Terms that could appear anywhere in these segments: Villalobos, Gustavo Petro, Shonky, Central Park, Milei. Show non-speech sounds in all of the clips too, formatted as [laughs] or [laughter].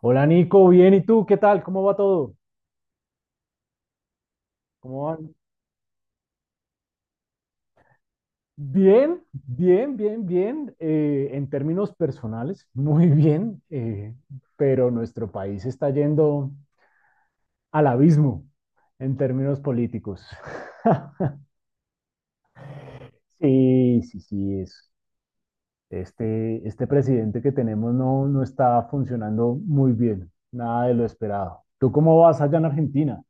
Hola Nico, bien, ¿y tú? ¿Qué tal? ¿Cómo va todo? ¿Cómo van? Bien, bien, bien, bien. En términos personales, muy bien, pero nuestro país está yendo al abismo en términos políticos. [laughs] Sí, sí, sí, es. Este presidente que tenemos no está funcionando muy bien, nada de lo esperado. ¿Tú cómo vas allá en Argentina?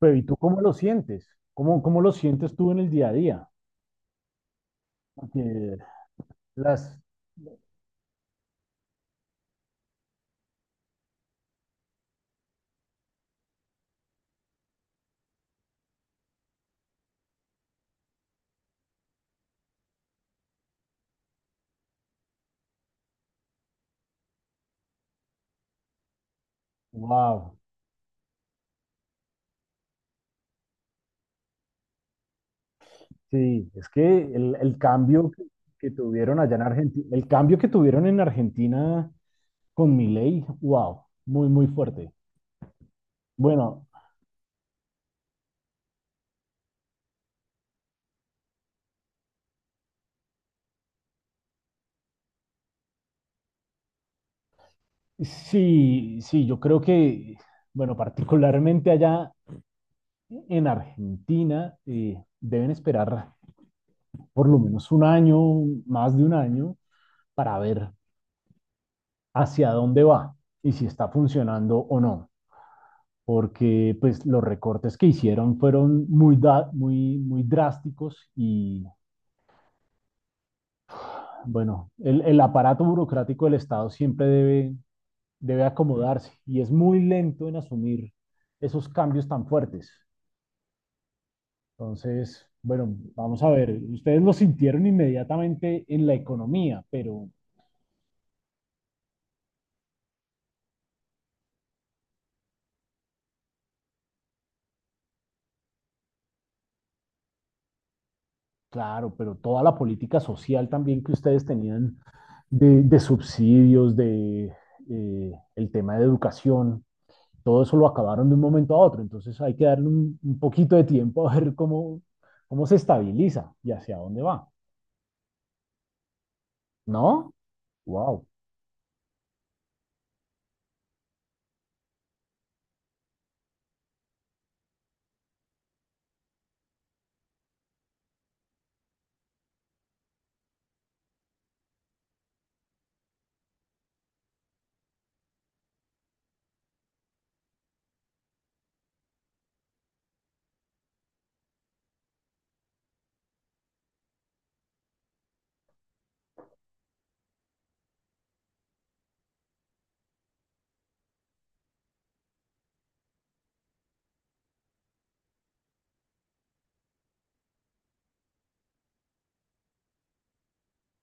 Pero ¿y tú cómo lo sientes? ¿Cómo, cómo lo sientes tú en el día a día? Porque las, wow, sí, es que el cambio que tuvieron allá en Argentina, el cambio que tuvieron en Argentina con Milei, wow, muy, muy fuerte. Bueno, sí, sí, yo creo que, bueno, particularmente allá en Argentina, deben esperar por lo menos un año, más de un año, para ver hacia dónde va y si está funcionando o no. Porque pues los recortes que hicieron fueron muy, muy drásticos y bueno, el aparato burocrático del Estado siempre debe acomodarse y es muy lento en asumir esos cambios tan fuertes. Entonces, bueno, vamos a ver, ustedes lo sintieron inmediatamente en la economía, pero claro, pero toda la política social también que ustedes tenían de subsidios, de el tema de educación, todo eso lo acabaron de un momento a otro, entonces hay que darle un poquito de tiempo a ver cómo se estabiliza y hacia dónde va, ¿no? Wow,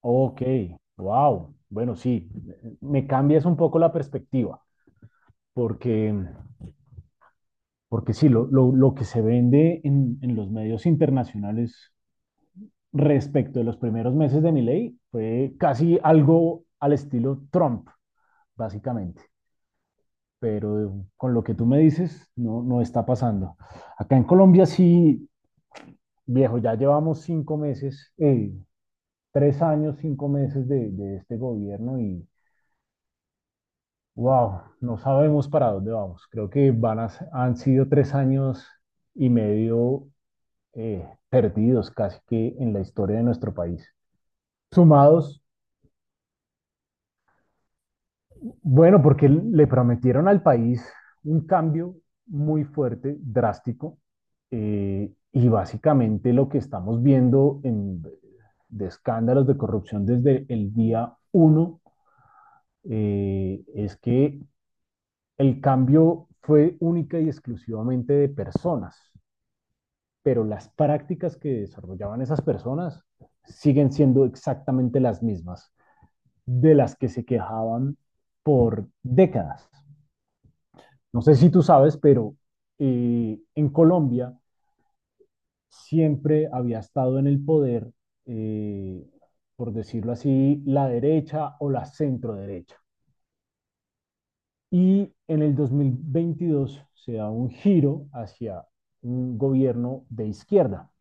ok, wow. Bueno, sí, me cambias un poco la perspectiva, porque, porque sí, lo que se vende en los medios internacionales respecto de los primeros meses de mi ley fue casi algo al estilo Trump, básicamente. Pero con lo que tú me dices, no, no está pasando. Acá en Colombia sí, viejo, ya llevamos 5 meses, 3 años, 5 meses de este gobierno y wow, no sabemos para dónde vamos. Creo que han sido 3 años y medio eh, perdidos casi que en la historia de nuestro país. Sumados, bueno, porque le prometieron al país un cambio muy fuerte, drástico, y básicamente lo que estamos viendo en, de escándalos de corrupción desde el día uno, es que el cambio fue única y exclusivamente de personas, pero las prácticas que desarrollaban esas personas siguen siendo exactamente las mismas de las que se quejaban por décadas. No sé si tú sabes, pero en Colombia siempre había estado en el poder, eh, por decirlo así, la derecha o la centro derecha. Y en el 2022 se da un giro hacia un gobierno de izquierda,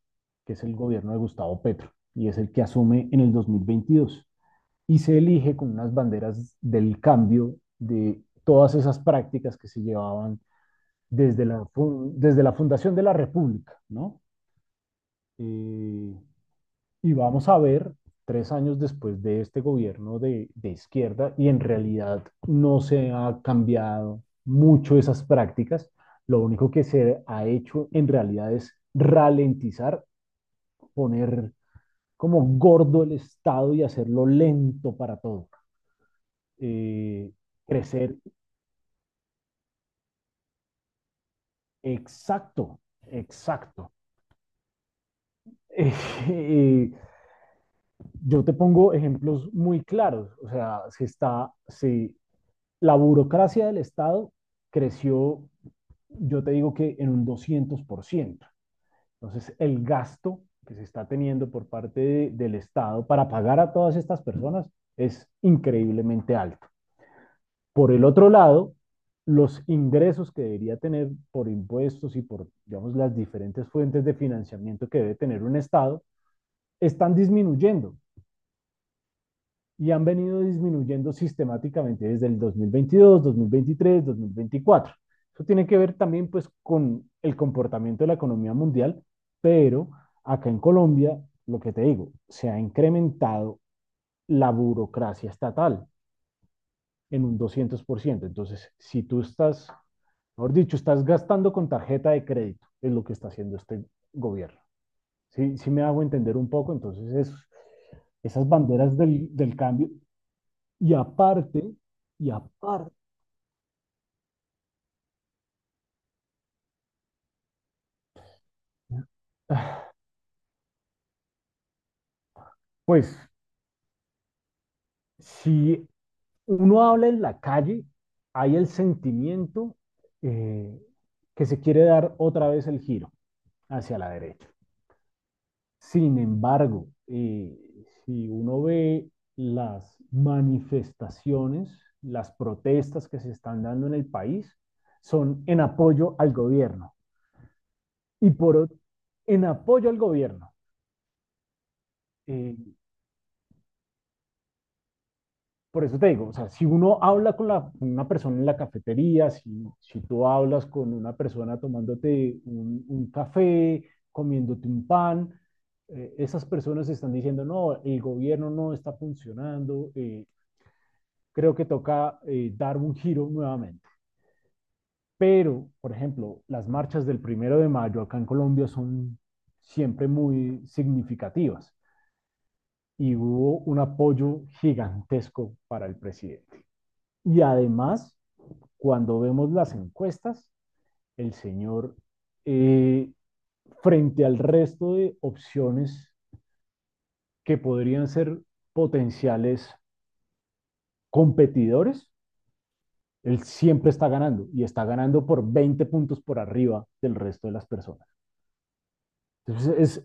que es el gobierno de Gustavo Petro, y es el que asume en el 2022. Y se elige con unas banderas del cambio de todas esas prácticas que se llevaban desde la, desde la fundación de la República, ¿no? Eh, y vamos a ver, 3 años después de este gobierno de izquierda, y en realidad no se ha cambiado mucho esas prácticas, lo único que se ha hecho en realidad es ralentizar, poner como gordo el Estado y hacerlo lento para todo. Eh, crecer, exacto, exacto. [laughs] Eh, eh, Yo te pongo ejemplos muy claros, o sea, se está, se, la burocracia del Estado creció, yo te digo que en un 200%. Entonces, el gasto que se está teniendo por parte de, del Estado para pagar a todas estas personas es increíblemente alto. Por el otro lado, los ingresos que debería tener por impuestos y por, digamos, las diferentes fuentes de financiamiento que debe tener un Estado están disminuyendo y han venido disminuyendo sistemáticamente desde el dos mil veintidós, 2023, 2024. Eso tiene que ver también pues con el comportamiento de la economía mundial, pero acá en Colombia, lo que te digo, se ha incrementado la burocracia estatal en un 200%. Entonces, si tú estás, mejor dicho, estás gastando con tarjeta de crédito, es lo que está haciendo este gobierno. Si me hago entender un poco, entonces es, esas banderas del cambio. Y aparte, y aparte, pues si uno habla en la calle, hay el sentimiento eh, que se quiere dar otra vez el giro hacia la derecha. Sin embargo, si uno ve las manifestaciones, las protestas que se están dando en el país, son en apoyo al gobierno. Y por ot- en apoyo al gobierno. Eh, por eso te digo, o sea, si uno habla con una persona en la cafetería, si tú hablas con una persona tomándote un café, comiéndote un pan, esas personas están diciendo, no, el gobierno no está funcionando, creo que toca, dar un giro nuevamente. Pero, por ejemplo, las marchas del 1.º de mayo acá en Colombia son siempre muy significativas y hubo un apoyo gigantesco para el presidente. Y además, cuando vemos las encuestas, el señor, eh, frente al resto de opciones que podrían ser potenciales competidores, él siempre está ganando y está ganando por 20 puntos por arriba del resto de las personas. Entonces, es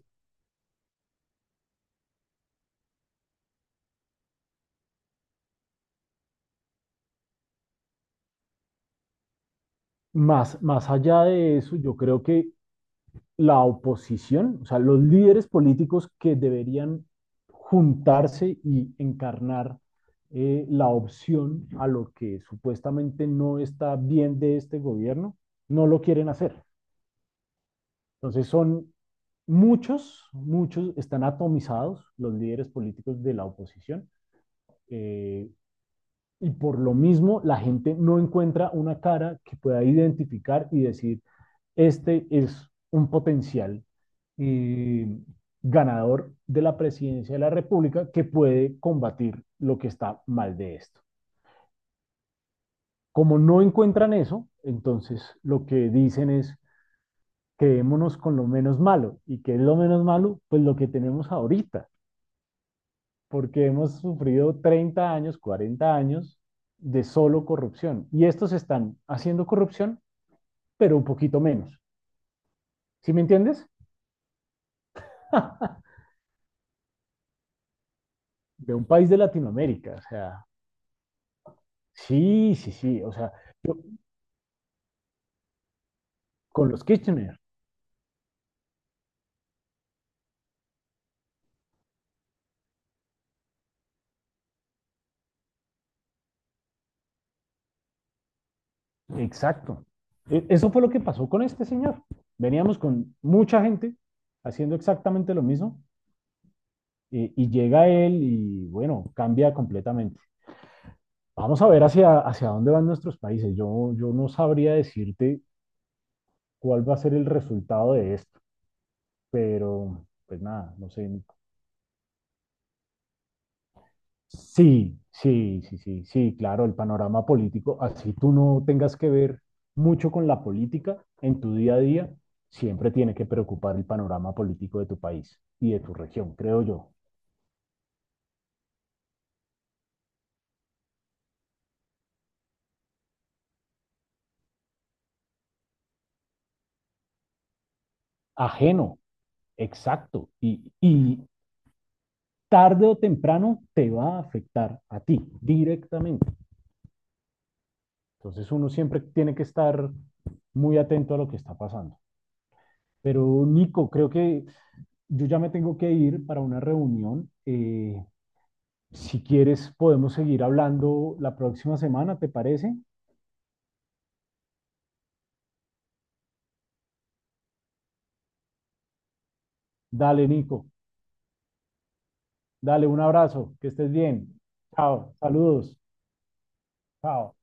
más, más allá de eso, yo creo que la oposición, o sea, los líderes políticos que deberían juntarse y encarnar, la opción a lo que supuestamente no está bien de este gobierno, no lo quieren hacer. Entonces son muchos, muchos están atomizados los líderes políticos de la oposición, eh, y por lo mismo la gente no encuentra una cara que pueda identificar y decir, este es un potencial, eh, ganador de la presidencia de la República que puede combatir lo que está mal de esto. Como no encuentran eso, entonces lo que dicen es quedémonos con lo menos malo. ¿Y qué es lo menos malo? Pues lo que tenemos ahorita, porque hemos sufrido 30 años, 40 años de solo corrupción. Y estos están haciendo corrupción, pero un poquito menos. ¿Sí me entiendes? [laughs] De un país de Latinoamérica, o sea, sí, sí, sí. O sea, yo- con los Kitchener, exacto. Eso fue lo que pasó con este señor. Veníamos con mucha gente haciendo exactamente lo mismo, y llega él y bueno, cambia completamente. Vamos a ver hacia, hacia dónde van nuestros países. Yo no sabría decirte cuál va a ser el resultado de esto, pero pues nada, no sé, sí, sí, sí, sí, sí, claro, el panorama político, así tú no tengas que ver mucho con la política en tu día a día, siempre tiene que preocupar el panorama político de tu país y de tu región, creo yo. Ajeno, exacto, y tarde o temprano te va a afectar a ti directamente. Entonces uno siempre tiene que estar muy atento a lo que está pasando. Pero Nico, creo que yo ya me tengo que ir para una reunión. Si quieres, podemos seguir hablando la próxima semana, ¿te parece? Dale, Nico. Dale un abrazo. Que estés bien. Chao. Saludos. Chao.